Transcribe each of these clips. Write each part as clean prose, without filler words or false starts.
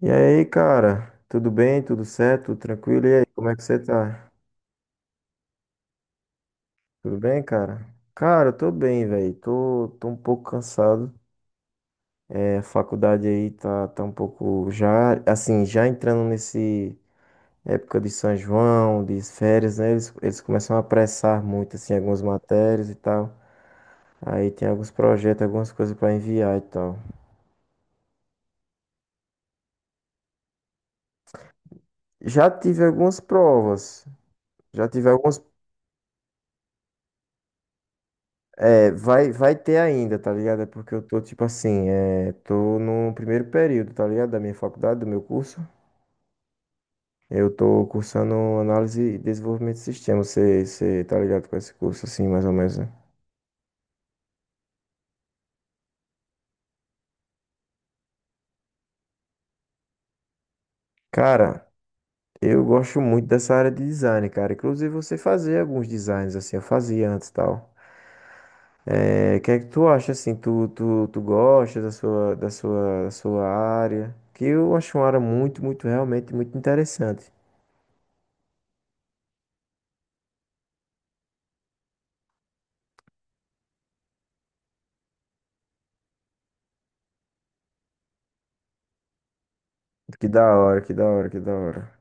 E aí, cara? Tudo bem? Tudo certo? Tudo tranquilo? E aí, como é que você tá? Tudo bem, cara? Cara, eu tô bem, velho. Tô um pouco cansado. É, a faculdade aí tá um pouco já, assim, já entrando nesse época de São João, de férias, né? Eles começam a apressar muito, assim, algumas matérias e tal. Aí tem alguns projetos, algumas coisas pra enviar e tal. Já tive algumas provas. Já tive algumas É, vai ter ainda, tá ligado? É porque eu tô, tipo assim, tô no primeiro período, tá ligado? Da minha faculdade, do meu curso. Eu tô cursando análise e desenvolvimento de sistemas. Você tá ligado com esse curso, assim, mais ou menos, né? Cara, eu gosto muito dessa área de design, cara. Inclusive, você fazia alguns designs, assim, eu fazia antes e tal. É, o que é que tu acha, assim? Tu gosta da sua área? Que eu acho uma área muito, muito, realmente, muito interessante. Que da hora, que da hora, que da hora.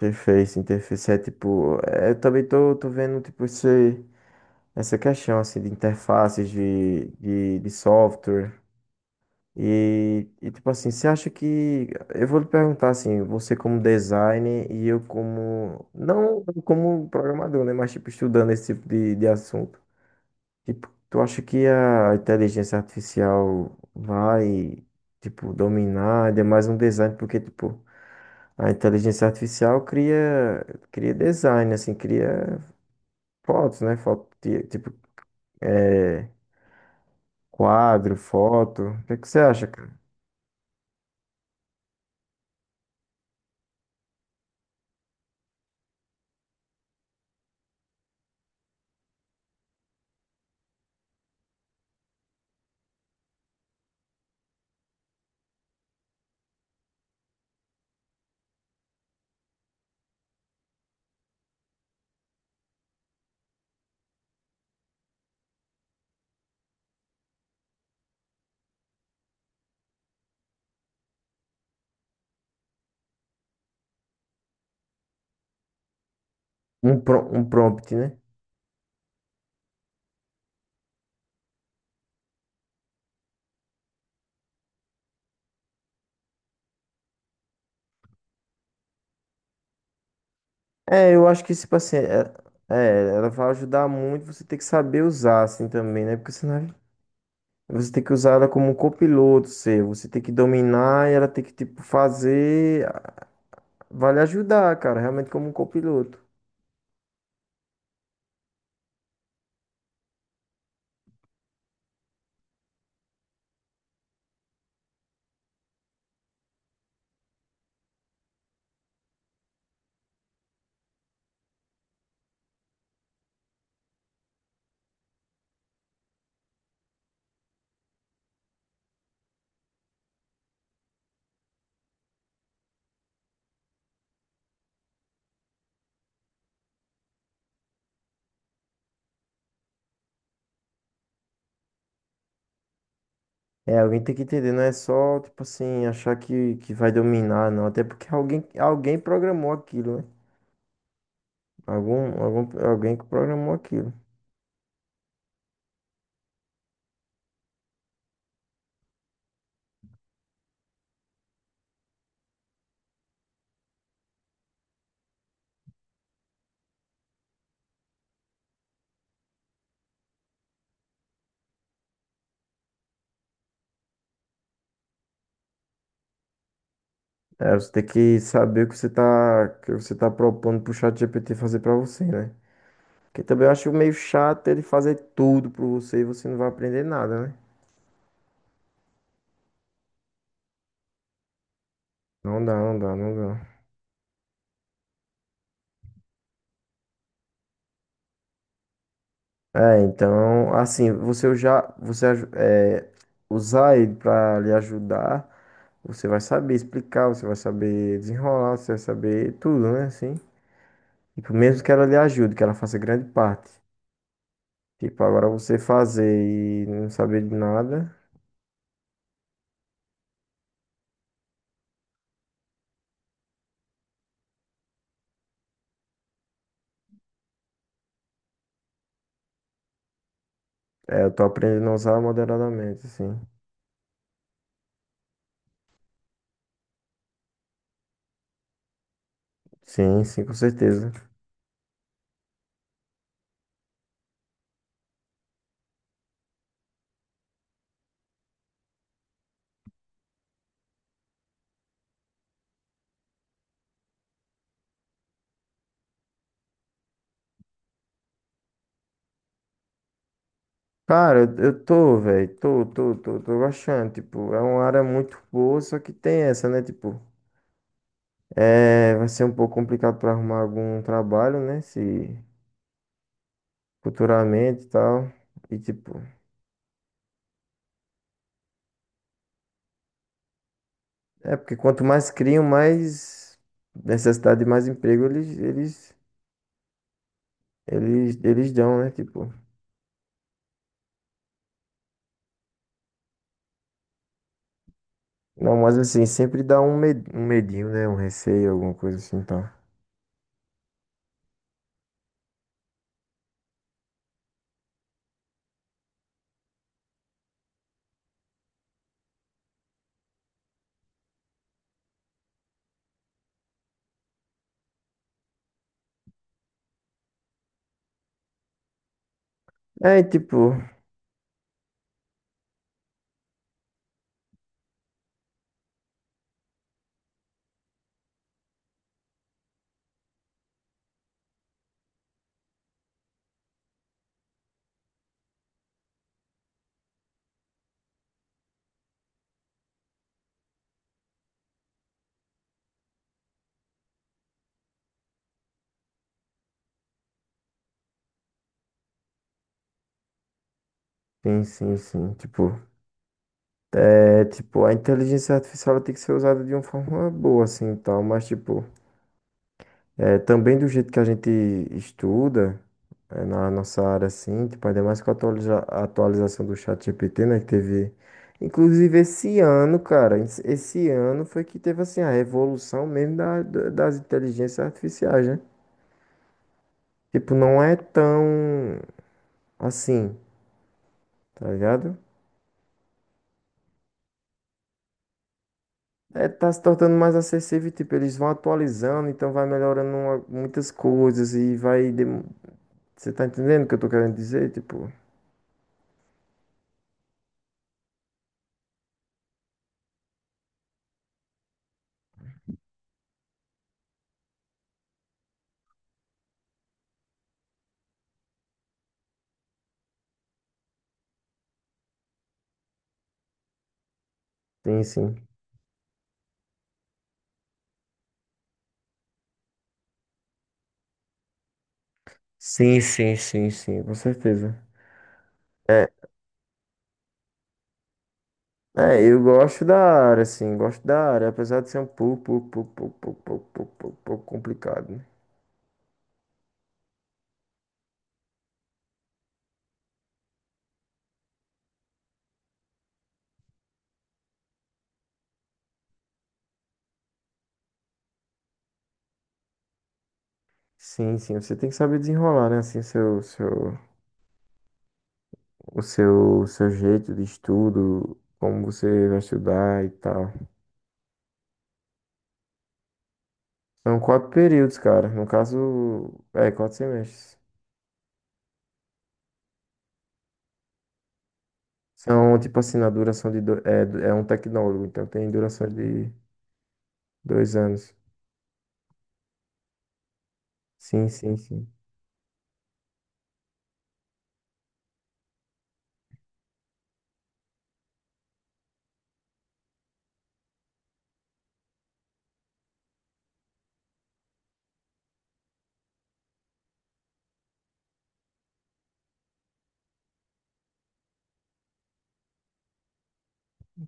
Interface, interface é tipo. É, eu também tô, tô vendo, tipo, essa questão, assim, de interfaces de software. Tipo assim, você acha que. Eu vou lhe perguntar, assim, você como designer e eu como. Não como programador, né? Mas, tipo, estudando esse tipo de assunto. Tipo, tu acha que a inteligência artificial vai, tipo, dominar ainda mais um design? Porque, tipo. A inteligência artificial cria design, assim, cria fotos, né? Foto, tipo, é, quadro, foto. O que é que você acha, cara? Um prompt, né? É, eu acho que, tipo assim, ela vai ajudar muito, você tem que saber usar, assim, também, né? Porque senão você tem que usar ela como um copiloto seu, você tem que dominar e ela tem que, tipo, fazer, vai lhe ajudar, cara, realmente como um copiloto. É, alguém tem que entender, não é só, tipo assim, achar que vai dominar, não. Até porque alguém programou aquilo, né? Alguém que programou aquilo. É, você tem que saber o que você tá propondo pro ChatGPT fazer pra você, né? Porque também eu acho meio chato ele fazer tudo pra você e você não vai aprender nada, né? Não dá, não dá, não dá. É, então, assim, você já, usar ele pra lhe ajudar. Você vai saber explicar, você vai saber desenrolar, você vai saber tudo, né? Assim. Tipo, mesmo que ela lhe ajude, que ela faça grande parte. Tipo, agora você fazer e não saber de nada, eu tô aprendendo a usar moderadamente, assim. Sim, sim, com certeza. Cara, eu tô, velho, tô gostando. Tipo, é uma área muito boa, só que tem essa, né? Tipo, vai ser um pouco complicado pra arrumar algum trabalho, né? Se futuramente e tal. E tipo. É, porque quanto mais criam, mais necessidade de mais emprego eles dão, né? Tipo, não, mas assim, sempre dá um medinho, né? Um receio, alguma coisa assim, tá? É, e tipo, sim, sim, sim. Tipo, a inteligência artificial ela tem que ser usada de uma forma boa, assim, tal, mas, tipo, é, também do jeito que a gente estuda, é, na nossa área, assim, tipo, ainda mais com a a atualização do chat GPT né, que teve. Inclusive, esse ano, cara, esse ano foi que teve, assim, a revolução mesmo das inteligências artificiais, né? Tipo, não é tão assim, tá ligado? É, tá se tornando mais acessível, tipo, eles vão atualizando, então vai melhorando muitas coisas e vai. Você tá entendendo o que eu tô querendo dizer? Tipo, sim, sim. Sim, sim, sim, sim, com certeza. É, eu gosto da área, assim, gosto da área, apesar de ser um pouco, pouco complicado, né? Sim, sim, você tem que saber desenrolar, né? Assim, seu jeito de estudo, como você vai estudar e tal. São quatro períodos, cara. No caso, quatro semestres. São, tipo assim, na duração de. É, é um tecnólogo, então tem duração de 2 anos. Sim, sim, sim.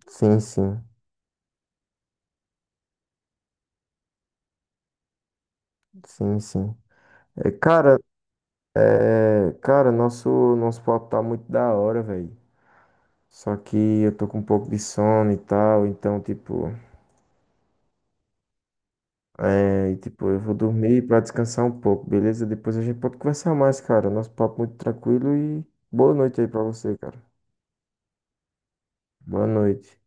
Sim, sim. Sim, sim. É, cara, é, cara, nosso, nosso papo tá muito da hora, velho. Só que eu tô com um pouco de sono e tal, então, tipo, eu vou dormir pra descansar um pouco, beleza? Depois a gente pode conversar mais, cara. Nosso papo muito tranquilo e boa noite aí pra você, cara. Boa noite.